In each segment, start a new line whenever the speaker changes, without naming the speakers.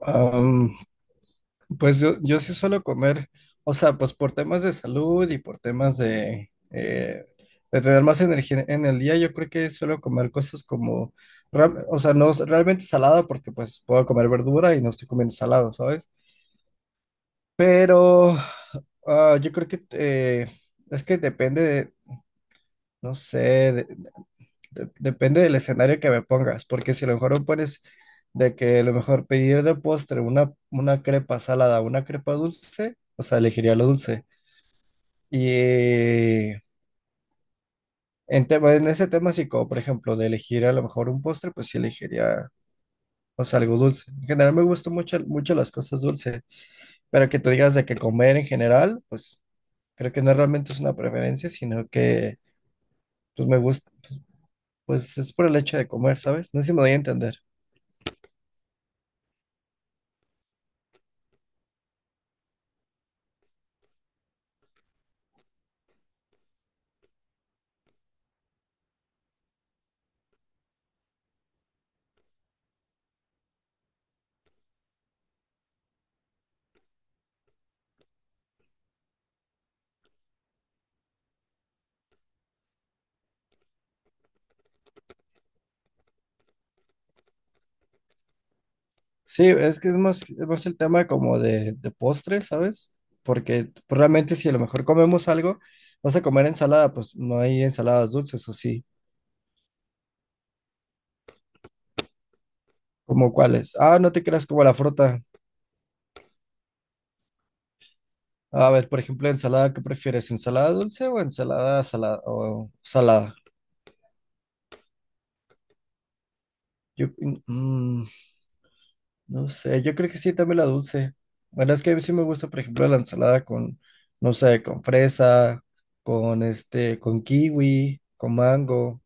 Am, pues yo sí suelo comer, o sea, pues por temas de salud y por temas de tener más energía en el día, yo creo que suelo comer cosas como, o sea, no es realmente salada porque pues puedo comer verdura y no estoy comiendo salado, ¿sabes? Pero yo creo que es que depende de, no sé, depende del escenario que me pongas, porque si a lo mejor me pones de que a lo mejor pedir de postre una crepa salada, una crepa dulce, o sea, elegiría lo dulce. Y en ese tema, sí, como por ejemplo, de elegir a lo mejor un postre, pues sí elegiría, o sea, algo dulce. En general me gustan mucho, mucho las cosas dulces, pero que tú digas de que comer en general, pues creo que no realmente es una preferencia, sino que pues me gusta, pues es por el hecho de comer, ¿sabes? No sé si me doy a entender. Sí, es que es más el tema como de postre, ¿sabes? Porque pues, realmente si a lo mejor comemos algo, vas a comer ensalada, pues no hay ensaladas dulces o sí. ¿Cómo cuáles? Ah, no te creas como la fruta. A ver, por ejemplo, ensalada, ¿qué prefieres? ¿Ensalada dulce o ensalada salada o salada? Yo, mm, no sé, yo creo que sí, también la dulce. Bueno, es que a mí sí me gusta, por ejemplo, la ensalada con, no sé, con fresa, con este, con kiwi, con mango.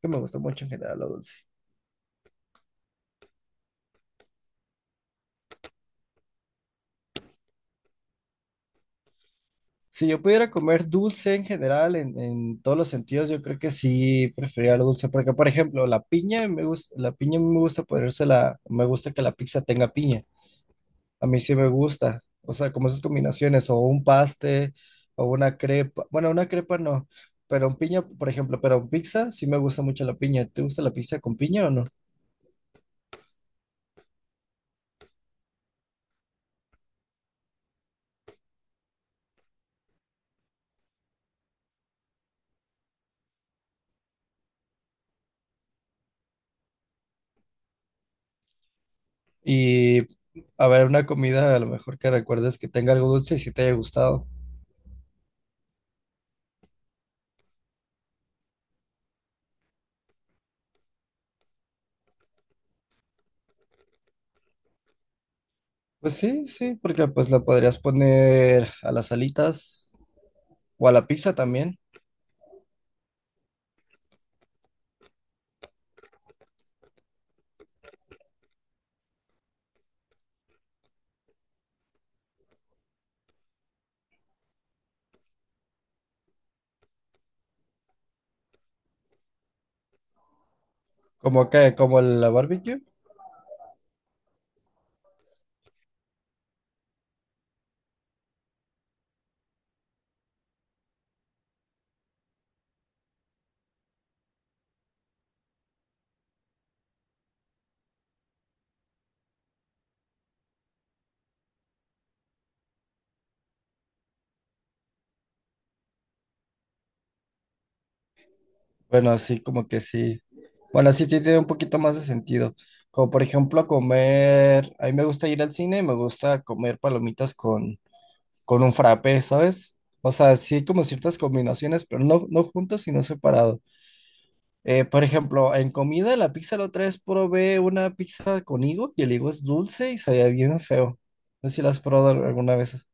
Que me gusta mucho en general lo dulce. Si yo pudiera comer dulce en general, en todos los sentidos, yo creo que sí preferiría lo dulce, porque por ejemplo, la piña me gusta, la piña me gusta ponérsela, me gusta que la pizza tenga piña, a mí sí me gusta, o sea, como esas combinaciones, o un paste, o una crepa, bueno, una crepa no, pero un piña, por ejemplo, pero un pizza sí me gusta mucho la piña. ¿Te gusta la pizza con piña o no? Y a ver, una comida a lo mejor que recuerdes que tenga algo dulce y si te haya gustado. Pues sí, sí, porque pues la podrías poner a las alitas o a la pizza también, como que, como la barbecue. Bueno, así como que sí. Bueno, así sí tiene un poquito más de sentido. Como por ejemplo comer, a mí me gusta ir al cine y me gusta comer palomitas con un frappé, ¿sabes? O sea, sí como ciertas combinaciones, pero no, no juntos, sino separado. Por ejemplo, en comida, la pizza la otra vez probé una pizza con higo y el higo es dulce y sabía bien feo. No sé si la has probado alguna vez.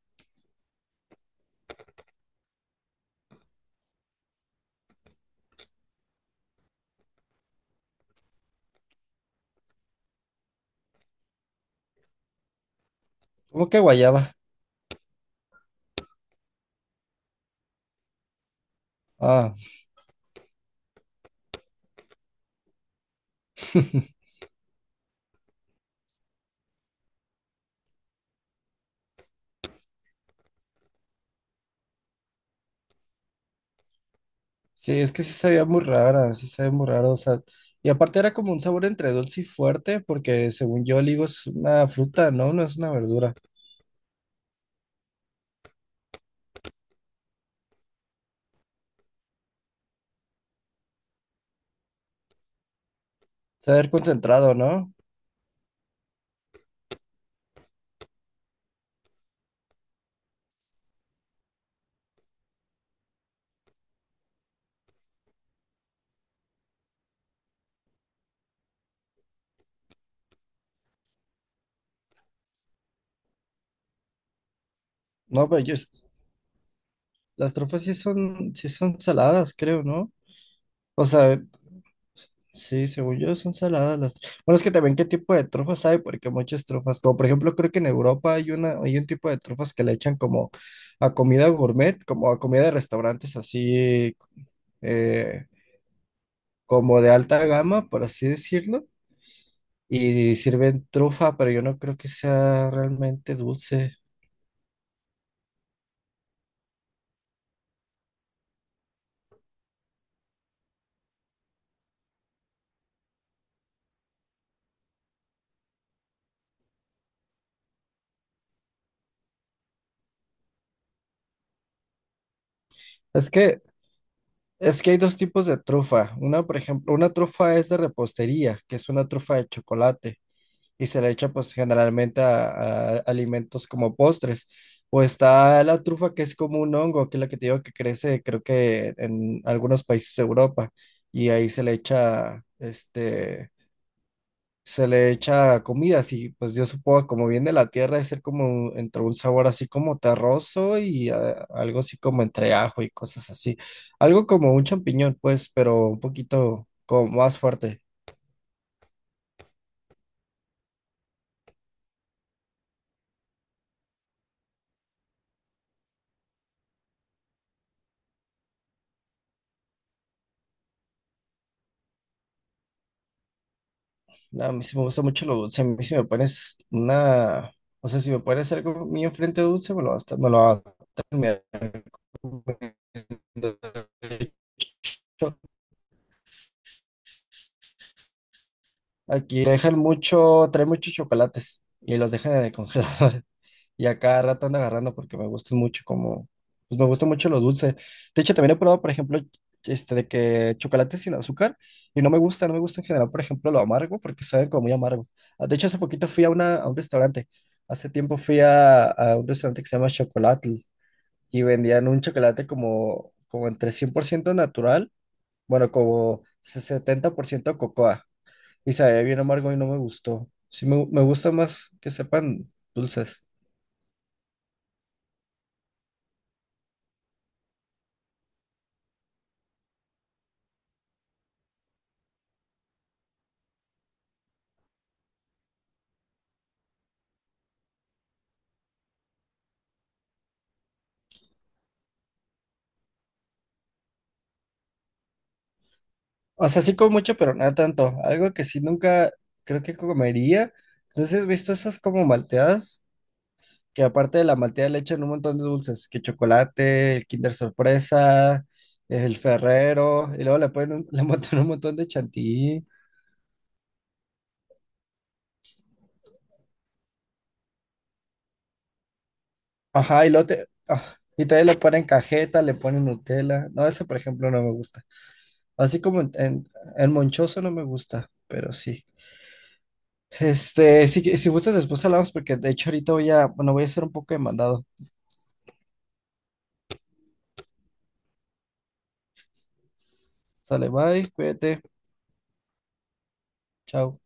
¿Cómo que guayaba? Ah, sí, es que sí sabía muy rara, sí sabía muy raro. O sea, y aparte era como un sabor entre dulce y fuerte, porque según yo el higo es una fruta, ¿no? No es una verdura. Saber concentrado, ¿no? No, pero yo, las trufas sí son saladas, creo, ¿no? O sea, sí, según yo son saladas las... Bueno, es que también qué tipo de trufas hay, porque muchas trufas, como por ejemplo creo que en Europa hay una, hay un tipo de trufas que le echan como a comida gourmet, como a comida de restaurantes así, eh, como de alta gama, por así decirlo, y sirven trufa, pero yo no creo que sea realmente dulce. Es que, es que hay dos tipos de trufa. Una, por ejemplo, una trufa es de repostería, que es una trufa de chocolate. Y se le echa pues generalmente a alimentos como postres. O está la trufa que es como un hongo, que es la que te digo que crece creo que en algunos países de Europa y ahí se le echa este se le echa comida, así pues yo supongo como viene de la tierra, es ser como entre un sabor así como terroso y algo así como entre ajo y cosas así. Algo como un champiñón, pues, pero un poquito como más fuerte. No, a mí sí me gusta mucho lo dulce. A mí si me pones una, o sea, si me pones algo mío enfrente dulce, me lo vas a, me lo vas a terminar comiendo. Aquí dejan mucho, trae muchos chocolates y los dejan en el congelador. Y a cada rato ando agarrando porque me gustan mucho como, pues me gusta mucho lo dulce. De hecho, también he probado, por ejemplo, este de que chocolate sin azúcar y no me gusta, no me gusta en general, por ejemplo, lo amargo porque saben como muy amargo. Ah, de hecho, hace poquito fui a una, a un restaurante. Hace tiempo fui a un restaurante que se llama Chocolatl y vendían un chocolate como, como entre 100% natural, bueno, como 70% cocoa y sabía bien amargo y no me gustó. Sí, me gusta más que sepan dulces. O sea, sí como mucho, pero nada tanto. Algo que sí nunca creo que comería. Entonces, ¿has visto esas como malteadas? Que aparte de la malteada le echan un montón de dulces, que chocolate, el Kinder Sorpresa, el Ferrero, y luego le ponen un, le botan un montón de chantilly. Ajá, y luego ah, y todavía le ponen cajeta, le ponen Nutella. No, ese por ejemplo no me gusta. Así como en Monchoso no me gusta, pero sí. Este, si gustas, después hablamos porque de hecho ahorita voy a, bueno, voy a hacer un poco de mandado. Sale, bye, cuídate, chao.